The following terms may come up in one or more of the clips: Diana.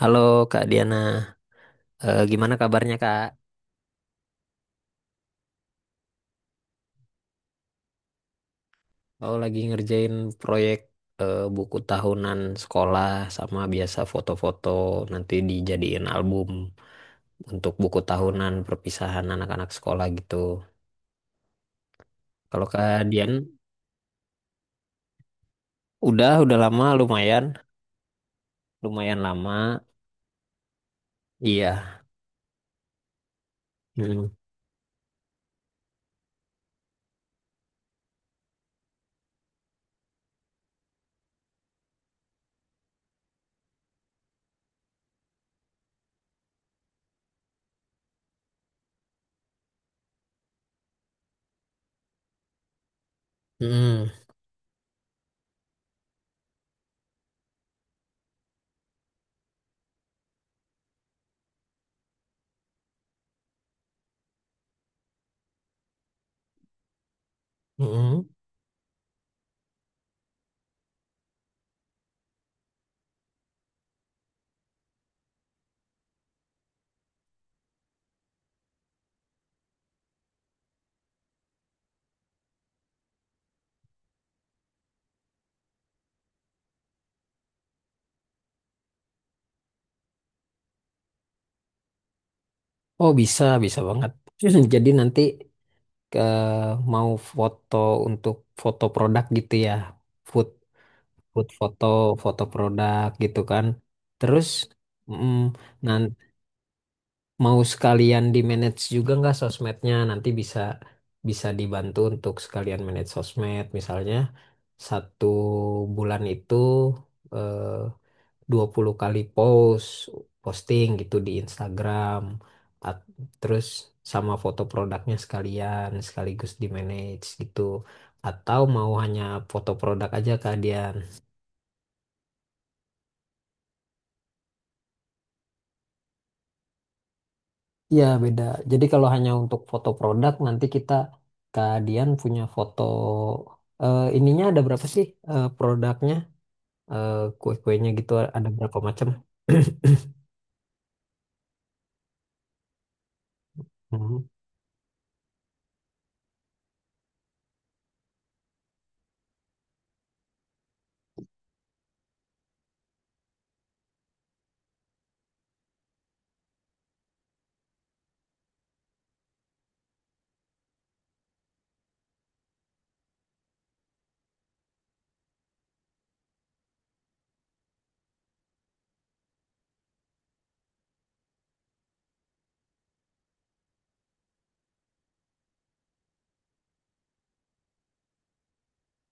Halo Kak Diana. Gimana kabarnya, Kak? Aku lagi ngerjain proyek, buku tahunan sekolah, sama biasa foto-foto nanti dijadiin album untuk buku tahunan perpisahan anak-anak sekolah gitu. Kalau Kak Dian, udah lama lumayan, lumayan lama. Iya. Mm. Mm. Mm. Oh, bisa bisa banget. Jadi nanti ke mau foto untuk foto produk gitu ya. Food. Buat foto, foto produk gitu kan. Terus mm, nan- mau sekalian di manage juga nggak sosmednya? Nanti bisa bisa dibantu untuk sekalian manage sosmed. Misalnya satu bulan itu eh, 20 kali posting gitu di Instagram. At- Terus sama foto produknya sekalian sekaligus di manage gitu. Atau mau hanya foto produk aja kalian. Iya, beda. Jadi kalau hanya untuk foto produk, nanti kita keadian punya foto, ininya ada berapa sih, produknya. Kue-kuenya gitu ada berapa macam? Hmm.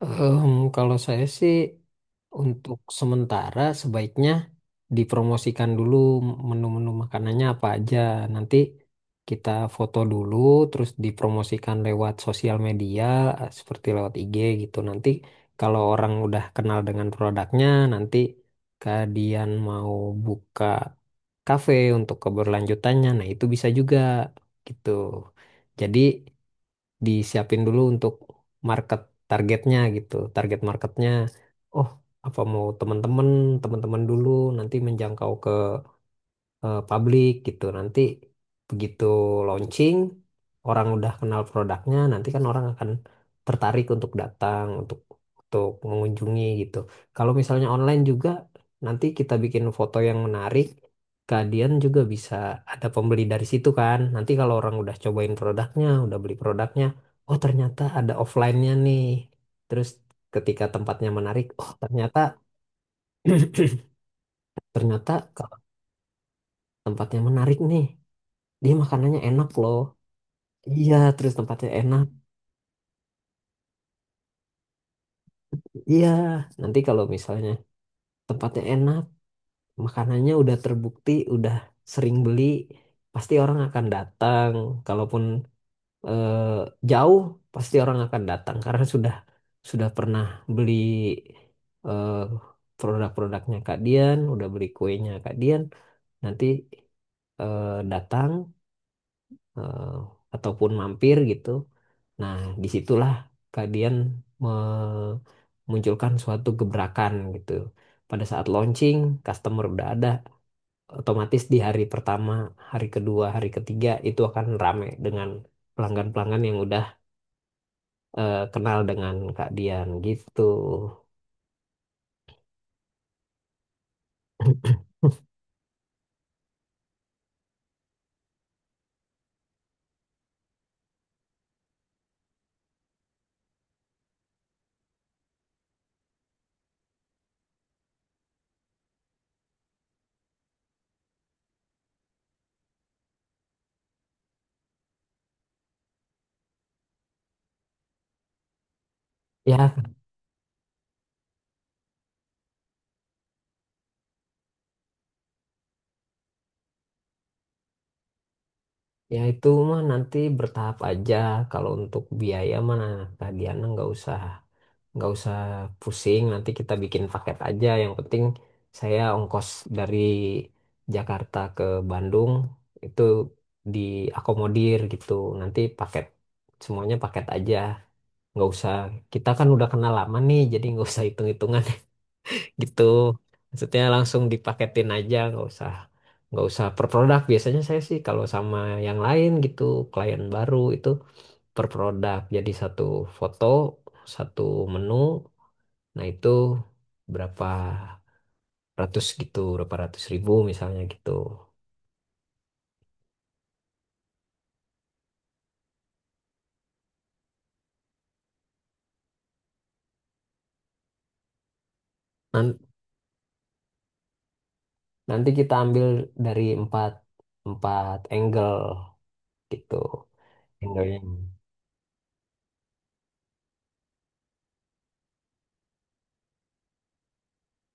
Em, Kalau saya sih untuk sementara sebaiknya dipromosikan dulu menu-menu makanannya apa aja. Nanti kita foto dulu, terus dipromosikan lewat sosial media, seperti lewat IG gitu. Nanti kalau orang udah kenal dengan produknya, nanti kalian mau buka kafe untuk keberlanjutannya. Nah, itu bisa juga gitu. Jadi disiapin dulu untuk market targetnya gitu. Target marketnya, oh, apa mau teman-teman, teman-teman dulu nanti menjangkau ke publik gitu. Nanti begitu launching, orang udah kenal produknya, nanti kan orang akan tertarik untuk datang, untuk mengunjungi gitu. Kalau misalnya online juga, nanti kita bikin foto yang menarik, kalian juga bisa ada pembeli dari situ kan. Nanti kalau orang udah cobain produknya, udah beli produknya, oh, ternyata ada offline-nya nih. Terus ketika tempatnya menarik, oh ternyata ternyata kalau tempatnya menarik nih, dia makanannya enak loh, iya, terus tempatnya enak, iya. Nanti kalau misalnya tempatnya enak, makanannya udah terbukti, udah sering beli, pasti orang akan datang. Kalaupun eh, jauh, pasti orang akan datang karena sudah pernah beli, eh, produk-produknya Kak Dian, udah beli kuenya Kak Dian, nanti eh, datang eh, ataupun mampir gitu. Nah, disitulah kalian memunculkan suatu gebrakan gitu. Pada saat launching, customer udah ada, otomatis di hari pertama, hari kedua, hari ketiga itu akan rame dengan pelanggan-pelanggan yang udah kenal dengan Kak Dian gitu. Ya, ya itu mah nanti bertahap aja. Kalau untuk biaya mana, Kak Diana nggak usah pusing, nanti kita bikin paket aja. Yang penting saya ongkos dari Jakarta ke Bandung itu diakomodir gitu. Nanti paket, semuanya paket aja, nggak usah, kita kan udah kenal lama nih, jadi nggak usah hitung-hitungan gitu, maksudnya langsung dipaketin aja, nggak usah per produk. Biasanya saya sih kalau sama yang lain gitu, klien baru itu per produk, jadi satu foto satu menu. Nah itu berapa ratus gitu, berapa ratus ribu misalnya gitu. Nan- Nanti kita ambil dari empat angle gitu. Angle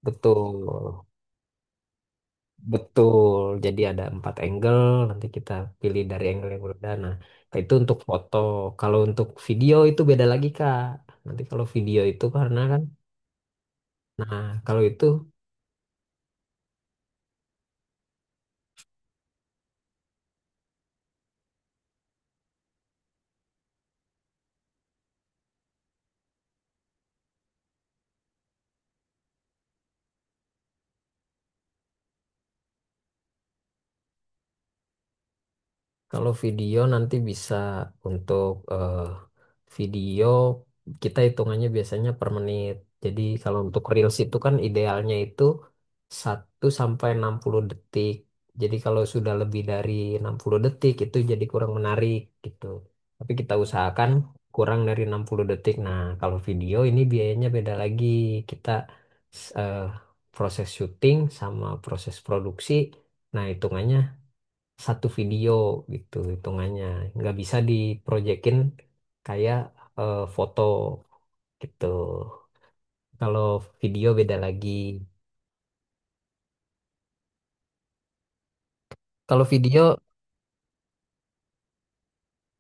betul, betul. Jadi ada empat angle, nanti kita pilih dari angle yang berbeda. Nah, itu untuk foto. Kalau untuk video itu beda lagi, Kak. Nanti kalau video itu karena kan, nah kalau itu. Kalau video nanti bisa untuk eh, video kita hitungannya biasanya per menit. Jadi kalau untuk Reels itu kan idealnya itu 1 sampai 60 detik. Jadi kalau sudah lebih dari 60 detik itu jadi kurang menarik gitu. Tapi kita usahakan kurang dari 60 detik. Nah, kalau video ini biayanya beda lagi. Kita s- eh, proses syuting sama proses produksi. Nah, hitungannya satu video gitu hitungannya nggak bisa diprojekin kayak foto gitu, kalau video beda lagi, kalau video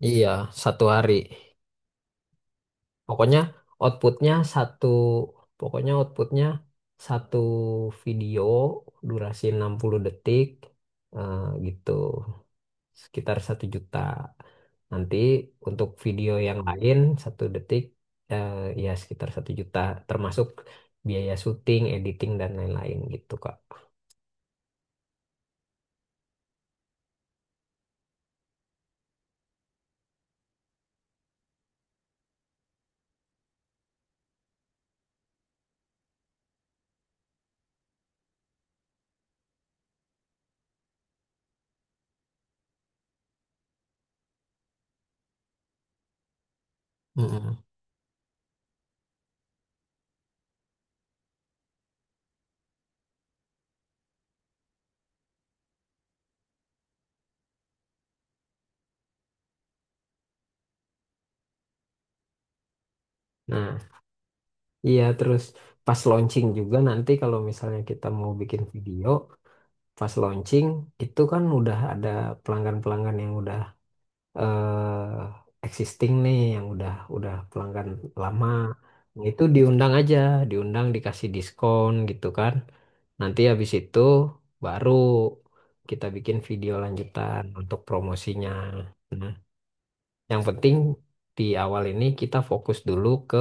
iya satu hari. Pokoknya outputnya satu, pokoknya outputnya satu video durasi 60 detik, eh, gitu, sekitar 1 juta. Nanti untuk video yang lain satu detik, eh, ya sekitar 1 juta, termasuk biaya syuting, editing dan lain-lain gitu, Kak. Mm-mm. Nah, iya terus pas launching juga nanti kalau misalnya kita mau bikin video pas launching itu kan udah ada pelanggan-pelanggan yang udah existing nih, yang udah pelanggan lama. Nah, itu diundang aja, diundang dikasih diskon gitu kan, nanti habis itu baru kita bikin video lanjutan untuk promosinya. Nah, yang penting di awal ini kita fokus dulu ke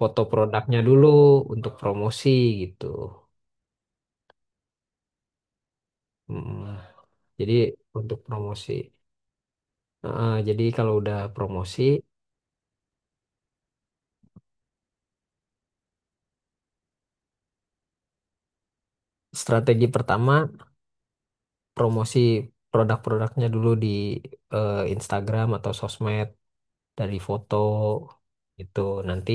foto produknya dulu untuk promosi gitu. Hmm, jadi untuk promosi. Heeh, jadi kalau udah promosi, strategi pertama promosi produk-produknya dulu di Instagram atau sosmed. Dari foto itu, nanti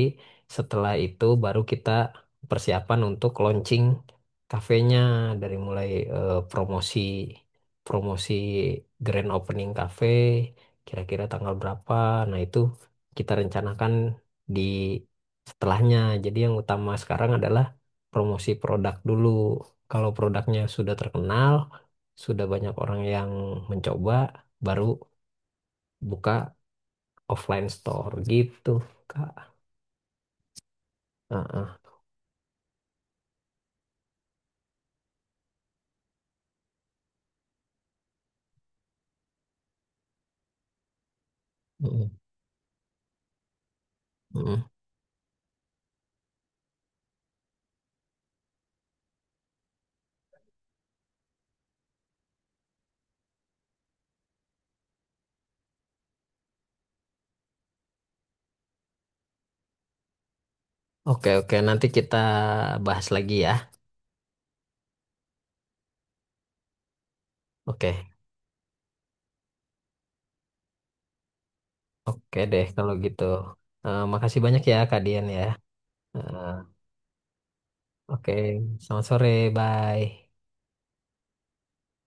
setelah itu baru kita persiapan untuk launching kafenya, dari mulai promosi promosi grand opening cafe kira-kira tanggal berapa. Nah itu kita rencanakan di setelahnya. Jadi yang utama sekarang adalah promosi produk dulu. Kalau produknya sudah terkenal, sudah banyak orang yang mencoba, baru buka offline store gitu, Kak. Heeh. Mm-mm. Oke, oke. Nanti kita bahas lagi ya. Oke, oke deh kalau gitu. Makasih banyak ya, Kak Dian ya. Eh, oke, selamat sore. Bye.